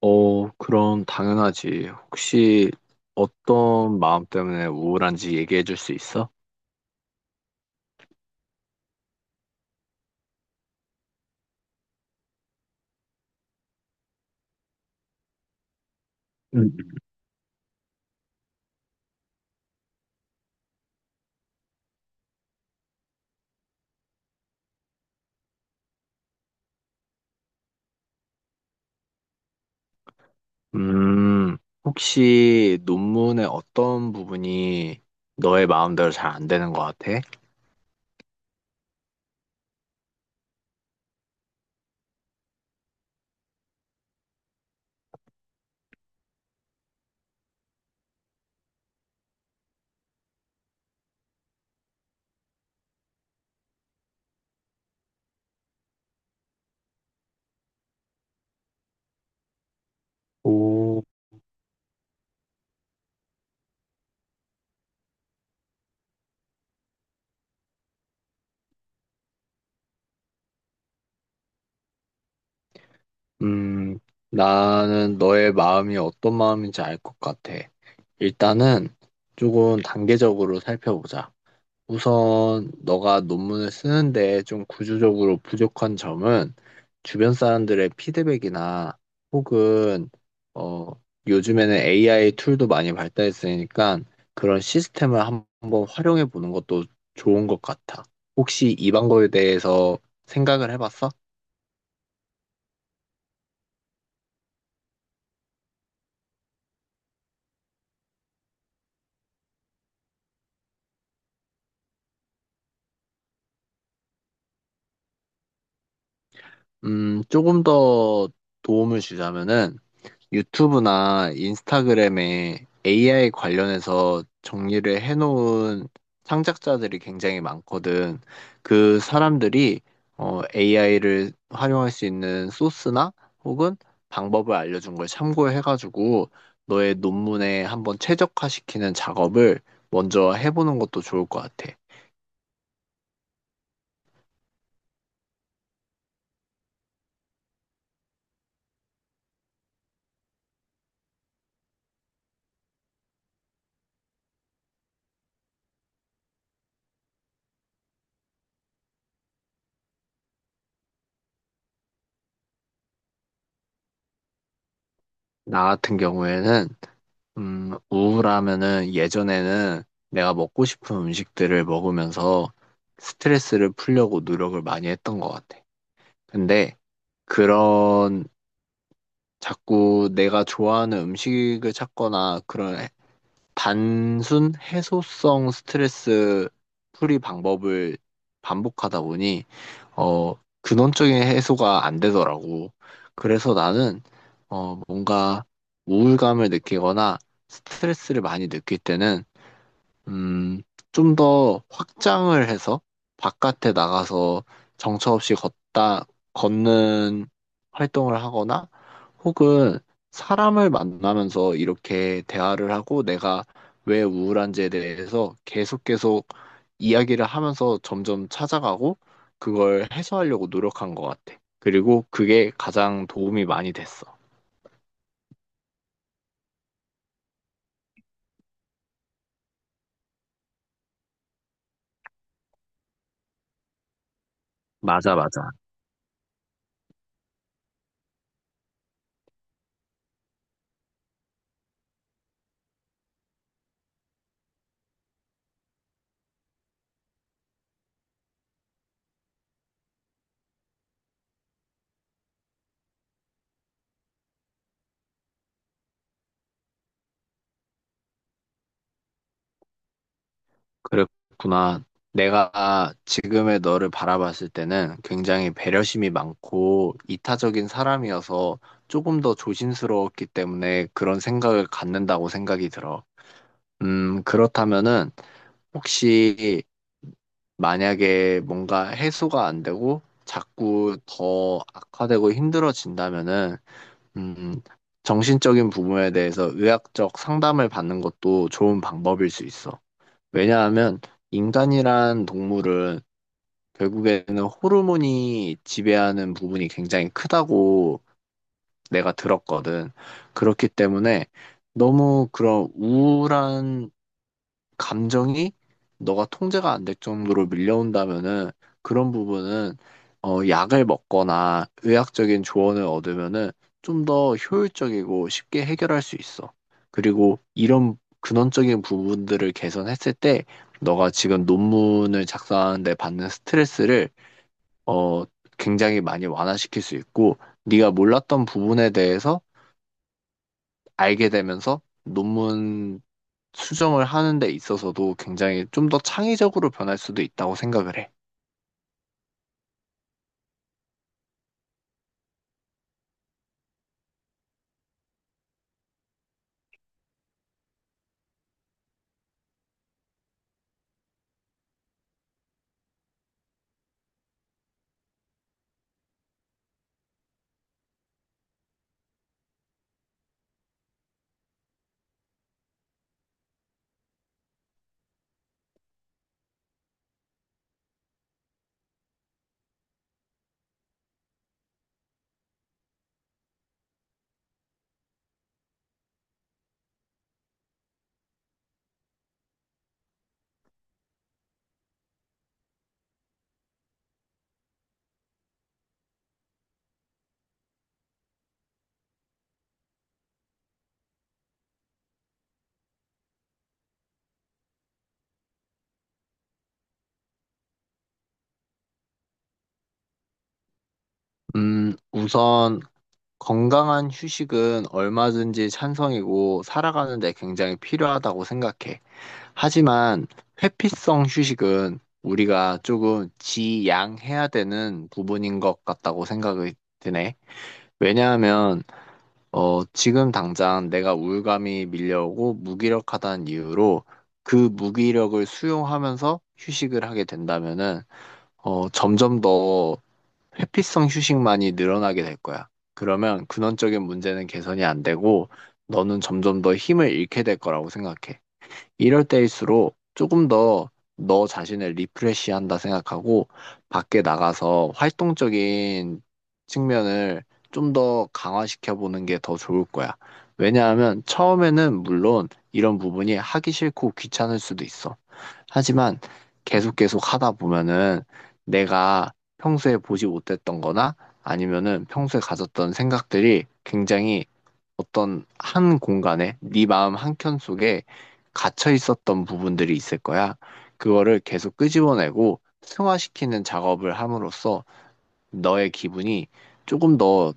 어, 그럼 당연하지. 혹시 어떤 마음 때문에 우울한지 얘기해 줄 수 있어? 음. 음, 혹시 논문의 어떤 부분이 너의 마음대로 잘 안 되는 것 같아? 오. 음, 나는 너의 마음이 어떤 마음인지 알 것 같아. 일단은 조금 단계적으로 살펴보자. 우선 너가 논문을 쓰는데 좀 구조적으로 부족한 점은 주변 사람들의 피드백이나 혹은 어 요즘에는 AI 툴도 많이 발달했으니까 그런 시스템을 한번 활용해 보는 것도 좋은 것 같아. 혹시 이 방법에 대해서 생각을 해봤어? 조금 더 도움을 주자면은 유튜브나 인스타그램에 AI 관련해서 정리를 해놓은 창작자들이 굉장히 많거든. 그 사람들이 AI를 활용할 수 있는 소스나 혹은 방법을 알려준 걸 참고해가지고 너의 논문에 한번 최적화시키는 작업을 먼저 해보는 것도 좋을 것 같아. 나 같은 경우에는 우울하면은 예전에는 내가 먹고 싶은 음식들을 먹으면서 스트레스를 풀려고 노력을 많이 했던 것 같아. 근데 그런 자꾸 내가 좋아하는 음식을 찾거나 단순 해소성 스트레스 풀이 방법을 반복하다 보니, 어, 근원적인 해소가 안 되더라고. 그래서 나는, 뭔가 우울감을 느끼거나 스트레스를 많이 느낄 때는 음, 좀 더 확장을 해서 바깥에 나가서 정처 없이 걷다, 걷는 활동을 하거나 혹은 사람을 만나면서 이렇게 대화를 하고 내가 왜 우울한지에 대해서 계속 계속 이야기를 하면서 점점 찾아가고 그걸 해소하려고 노력한 것 같아. 그리고 그게 가장 도움이 많이 됐어. 맞아, 맞아. 그랬구나. 내가 지금의 너를 바라봤을 때는 굉장히 배려심이 많고 이타적인 사람이어서 조금 더 조심스러웠기 때문에 그런 생각을 갖는다고 생각이 들어. 그렇다면은 혹시 만약에 뭔가 해소가 안 되고 자꾸 더 악화되고 힘들어진다면은, 음, 정신적인 부분에 대해서 의학적 상담을 받는 것도 좋은 방법일 수 있어. 왜냐하면 인간이란 동물은 결국에는 호르몬이 지배하는 부분이 굉장히 크다고 내가 들었거든. 그렇기 때문에 너무 그런 우울한 감정이 너가 통제가 안 될 정도로 밀려온다면은 그런 부분은 약을 먹거나 의학적인 조언을 얻으면은 좀 더 효율적이고 쉽게 해결할 수 있어. 그리고 이런 근원적인 부분들을 개선했을 때 너가 지금 논문을 작성하는데 받는 스트레스를 어, 굉장히 많이 완화시킬 수 있고 네가 몰랐던 부분에 대해서 알게 되면서 논문 수정을 하는 데 있어서도 굉장히 좀 더 창의적으로 변할 수도 있다고 생각을 해. 우선 건강한 휴식은 얼마든지 찬성이고 살아가는 데 굉장히 필요하다고 생각해. 하지만 회피성 휴식은 우리가 조금 지양해야 되는 부분인 것 같다고 생각이 드네. 왜냐하면 지금 당장 내가 우울감이 밀려오고 무기력하다는 이유로 그 무기력을 수용하면서 휴식을 하게 된다면은, 점점 더 회피성 휴식만이 늘어나게 될 거야. 그러면 근원적인 문제는 개선이 안 되고, 너는 점점 더 힘을 잃게 될 거라고 생각해. 이럴 때일수록 조금 더 너 자신을 리프레시한다 생각하고 밖에 나가서 활동적인 측면을 좀 더 강화시켜 보는 게 더 좋을 거야. 왜냐하면 처음에는 물론 이런 부분이 하기 싫고 귀찮을 수도 있어. 하지만 계속 계속 하다 보면은 내가 평소에 보지 못했던 거나 아니면은 평소에 가졌던 생각들이 굉장히 어떤 한 공간에 네 마음 한 켠 속에 갇혀 있었던 부분들이 있을 거야. 그거를 계속 끄집어내고 승화시키는 작업을 함으로써 너의 기분이 조금 더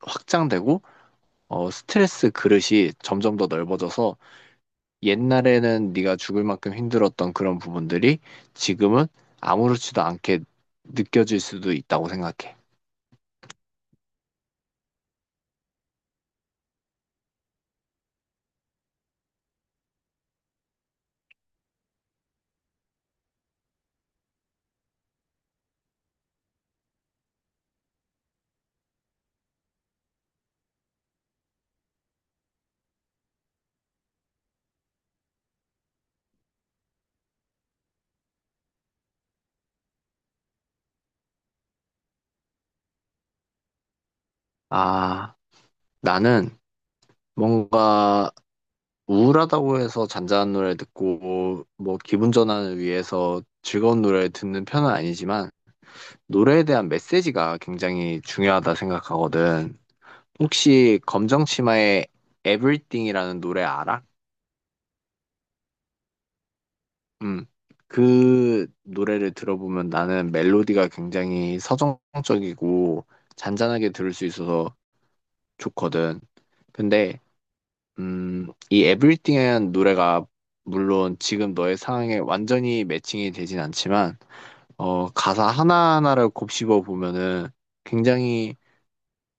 확장되고 스트레스 그릇이 점점 더 넓어져서 옛날에는 네가 죽을 만큼 힘들었던 그런 부분들이 지금은 아무렇지도 않게 느껴질 수도 있다고 생각해. 아, 나는 뭔가 우울하다고 해서 잔잔한 노래 듣고 뭐 기분 전환을 위해서 즐거운 노래 듣는 편은 아니지만 노래에 대한 메시지가 굉장히 중요하다 생각하거든. 혹시 검정치마의 Everything이라는 노래 알아? 음. 그 노래를 들어보면 나는 멜로디가 굉장히 서정적이고 잔잔하게 들을 수 있어서 좋거든. 근데 이 Everything이라는 노래가 물론 지금 너의 상황에 완전히 매칭이 되진 않지만 가사 하나하나를 곱씹어 보면은 굉장히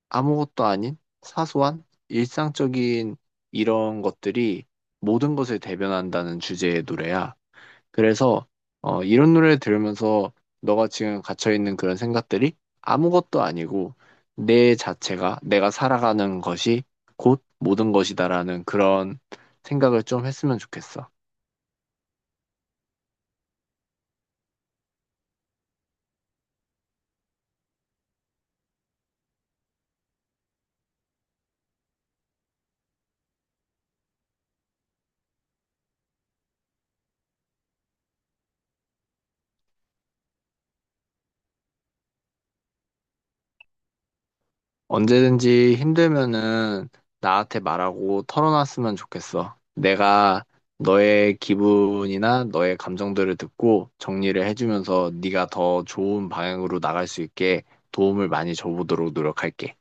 아무것도 아닌 사소한 일상적인 이런 것들이 모든 것을 대변한다는 주제의 노래야. 그래서 이런 노래를 들으면서 너가 지금 갇혀있는 그런 생각들이 아무것도 아니고 내 자체가 내가 살아가는 것이 곧 모든 것이다라는 그런 생각을 좀 했으면 좋겠어. 언제든지 힘들면은 나한테 말하고 털어놨으면 좋겠어. 내가 너의 기분이나 너의 감정들을 듣고 정리를 해주면서 네가 더 좋은 방향으로 나갈 수 있게 도움을 많이 줘보도록 노력할게.